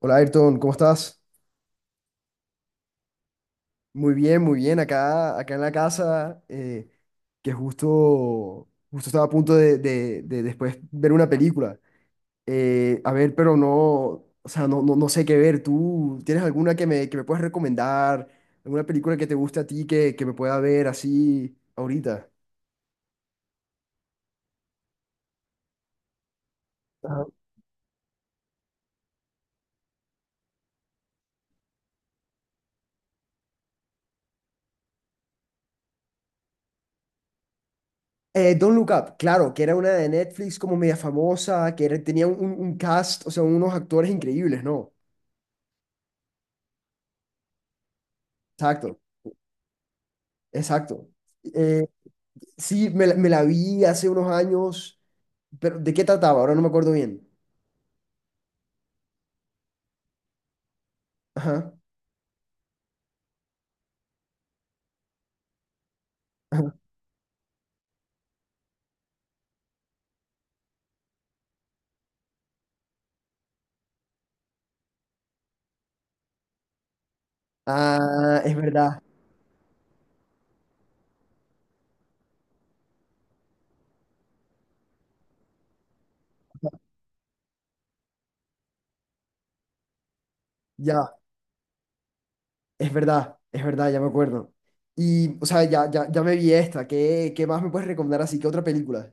Hola Ayrton, ¿cómo estás? Muy bien, muy bien. Acá en la casa, que justo estaba a punto de después ver una película. A ver, pero no, o sea, no, no, no sé qué ver. ¿Tú tienes alguna que me puedas recomendar? ¿Alguna película que te guste a ti que me pueda ver así ahorita? Ajá. Don't Look Up, claro, que era una de Netflix como media famosa, tenía un cast, o sea, unos actores increíbles, ¿no? Exacto, exacto. Eh, Sí, me la vi hace unos años, pero ¿de qué trataba? Ahora no me acuerdo bien. Ajá. Ajá. Ah, ya, es verdad, ya me acuerdo. Y, o sea, ya, ya, ya me vi esta. ¿Qué más me puedes recomendar así? ¿Qué otra película?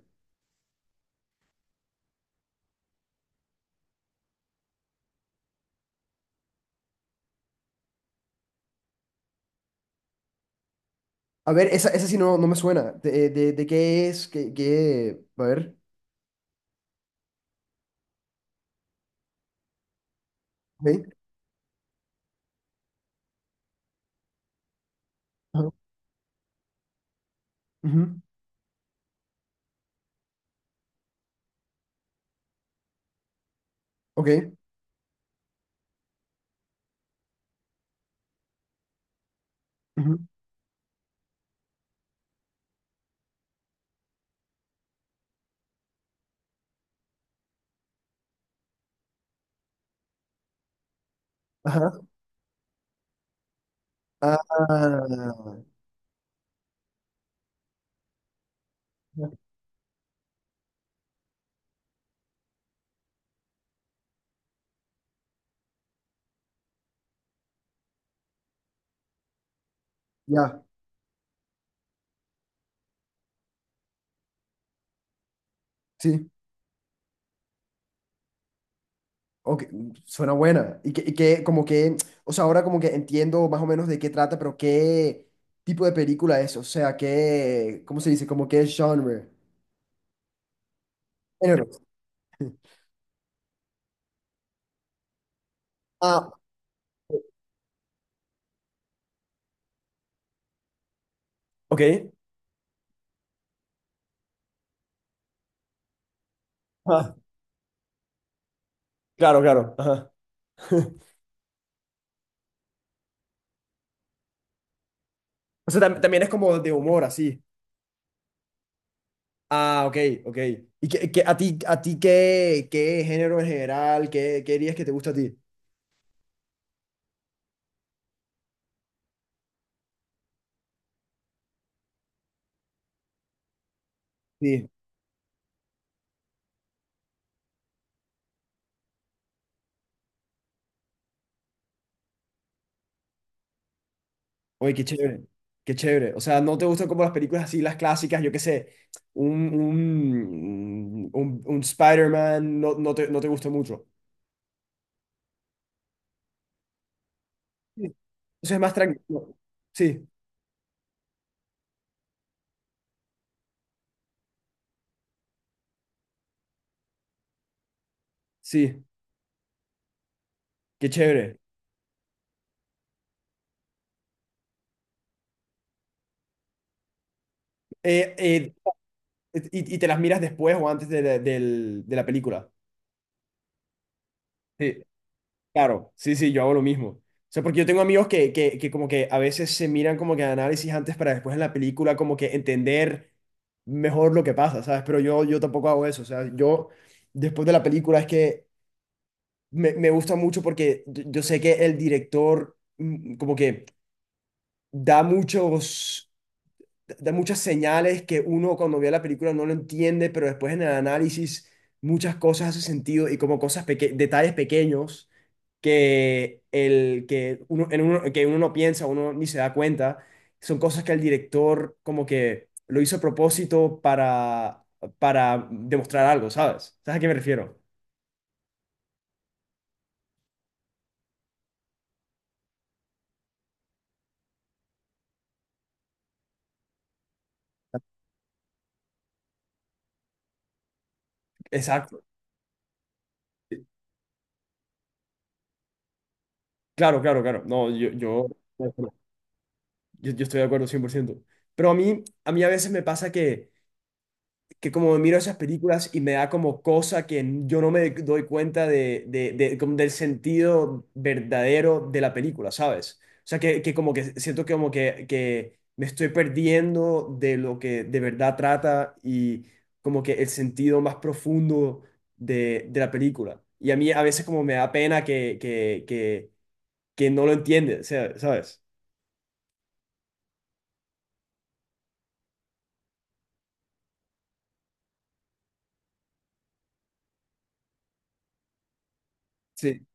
A ver, esa sí no, no me suena. ¿De qué es? ¿Qué, qué? A ver. Ok. Ajá. Ujú. Ok. Ujú. Ajá. Ah, ya, sí. Ok, suena buena. Y que como que, o sea, ahora como que entiendo más o menos de qué trata, pero qué tipo de película es, o sea, qué, ¿cómo se dice? Como qué genre. Género. Ah, ok. Ah, claro, claro. Ajá. O sea, también es como de humor, así. Ah, ok, ok. ¿Y a ti qué género en general, qué dirías que te gusta a ti? Sí. Oye, qué chévere, qué chévere. O sea, ¿no te gustan como las películas así, las clásicas, yo qué sé, un Spider-Man, no, no te gusta mucho? Sí. Eso es más tranquilo. Sí, sí, qué chévere. Eh, eh, y te las miras después o antes de la película. Sí. Claro, sí, sí, yo hago lo mismo. O sea, porque yo tengo amigos que como que a veces se miran como que análisis antes para después en la película como que entender mejor lo que pasa, ¿sabes? Pero yo tampoco hago eso. O sea, yo después de la película es que me gusta mucho porque yo sé que el director como que da muchos, da muchas señales que uno cuando ve la película no lo entiende, pero después en el análisis muchas cosas hacen sentido y como cosas, detalles pequeños que uno no piensa, uno ni se da cuenta. Son cosas que el director como que lo hizo a propósito para demostrar algo, ¿sabes? ¿Sabes a qué me refiero? Exacto. Claro, claro, claro. No, yo, yo estoy de acuerdo 100%. Pero a mí a veces me pasa que como miro esas películas y me da como cosa que yo no me doy cuenta como del sentido verdadero de la película, ¿sabes? O sea, que como que siento que como que me estoy perdiendo de lo que de verdad trata y como que el sentido más profundo de la película. Y a mí a veces como me da pena que no lo entiende, o sea, ¿sabes? Sí,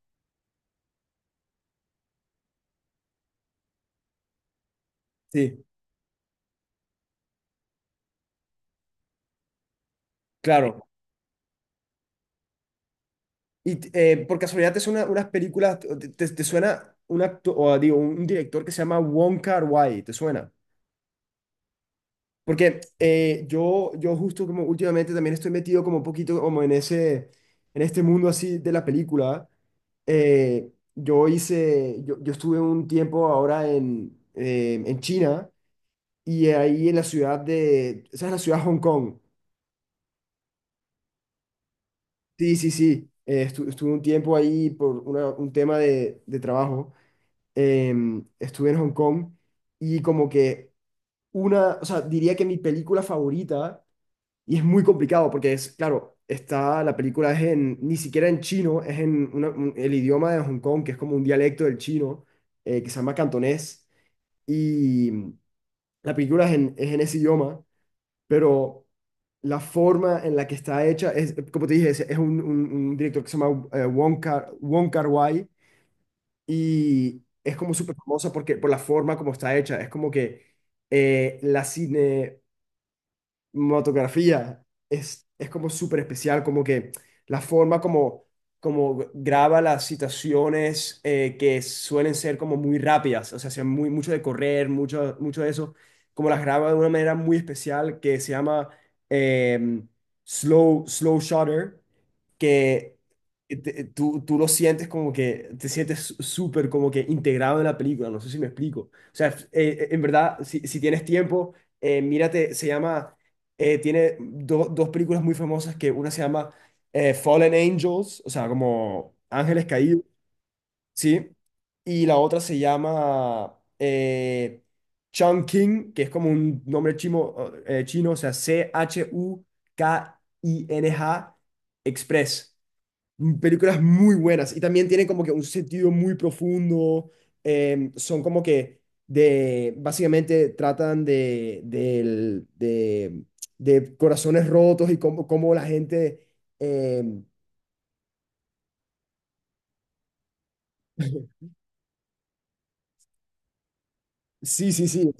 sí, claro. Y por casualidad te suena unas películas, te suena un o digo, un director que se llama Wong Kar-wai, ¿te suena? Porque yo justo como últimamente también estoy metido como un poquito como en ese, en este mundo así de la película. Yo estuve un tiempo ahora en China y ahí en la ciudad esa es la ciudad de Hong Kong. Sí, sí, sí. Estuve un tiempo ahí por un tema de trabajo. Estuve en Hong Kong y como que o sea, diría que mi película favorita, y es muy complicado porque es, claro, está, la película es en, ni siquiera en chino, es en el idioma de Hong Kong, que es como un dialecto del chino, que se llama cantonés, y la película es en ese idioma, pero la forma en la que está hecha es, como te dije, es un director que se llama Wong Kar-wai, y es como súper famosa porque, por la forma como está hecha. Es como que la cine, motografía es como súper especial, como que la forma como graba las situaciones que suelen ser como muy rápidas, o sea, sea mucho de correr, mucho de eso, como las graba de una manera muy especial que se llama em, slow shutter, que tú lo sientes como que te sientes súper como que integrado en la película, no sé si me explico. O sea, en verdad, si tienes tiempo, mírate, se llama tiene dos películas muy famosas que una se llama Fallen Angels, o sea, como Ángeles Caídos, ¿sí? Y la otra se llama Chungking, que es como un nombre chino, o sea, Chuking Express películas muy buenas y también tienen como que un sentido muy profundo. Son como que básicamente tratan de corazones rotos y cómo la gente. em, sí, sí, sí.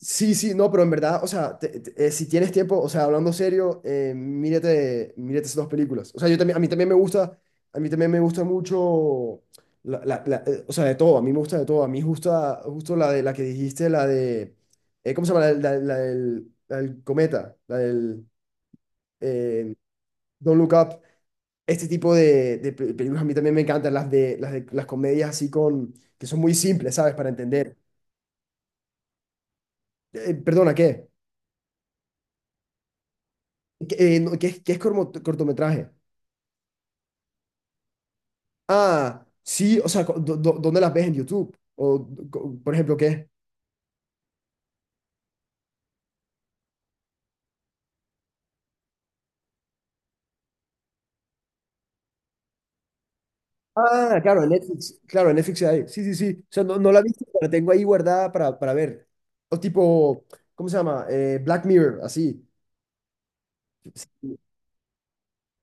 Sí, sí, no, pero en verdad, o sea, si tienes tiempo, o sea, hablando serio, mírate, mírate esas dos películas. O sea, yo también, a mí también me gusta, a mí también me gusta mucho, o sea, de todo, a mí me gusta de todo. A mí gusta, justo la de la que dijiste, la de, ¿cómo se llama? La del cometa, la del eh, Don't Look Up. Este tipo de películas a mí también me encantan, las de las comedias así que son muy simples, ¿sabes? Para entender. Perdona, ¿qué? No, que es cortometraje. Ah, sí, o sea, ¿dónde las ves en YouTube? O, por ejemplo, ¿qué? Ah, claro, en Netflix. Claro, en Netflix hay. Sí, sí, sí. O sea, no, no la he visto, pero la tengo ahí guardada para ver. O tipo, ¿cómo se llama? Black Mirror, así. Sí,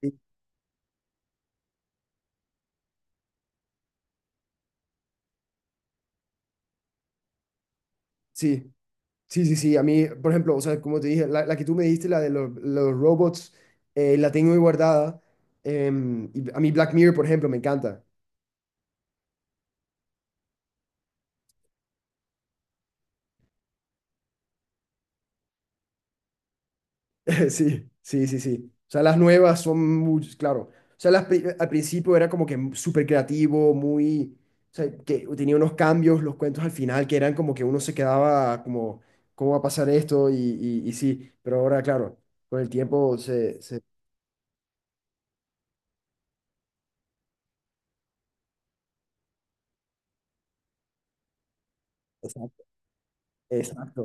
sí, sí, sí. Sí, sí, a mí, por ejemplo, o sea, como te dije, la que tú me diste, la de los robots, la tengo ahí guardada. Y a mí Black Mirror, por ejemplo, me encanta. Sí, sí, sí, sí. O sea, las nuevas son muy, claro. O sea, al principio era como que súper creativo, muy, o sea, que tenía unos cambios, los cuentos al final, que eran como que uno se quedaba como, ¿cómo va a pasar esto? Y sí, pero ahora, claro, con el tiempo se. Exacto, exacto,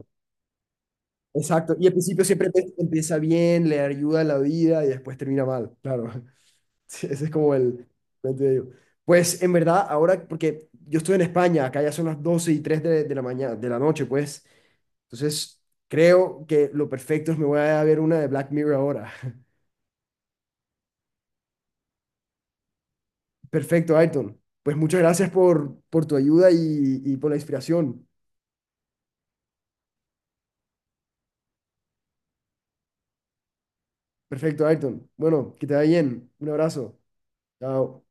exacto. Y al principio siempre empieza bien, le ayuda a la vida y después termina mal, claro. Sí, ese es como el de ello. Pues en verdad, ahora, porque yo estoy en España, acá ya son las 12:03 de la mañana, de la noche, pues. Entonces, creo que lo perfecto es me voy a ver una de Black Mirror ahora. Perfecto, Ayrton. Pues muchas gracias por tu ayuda y por la inspiración. Perfecto, Ayrton. Bueno, que te vaya bien. Un abrazo. Chao.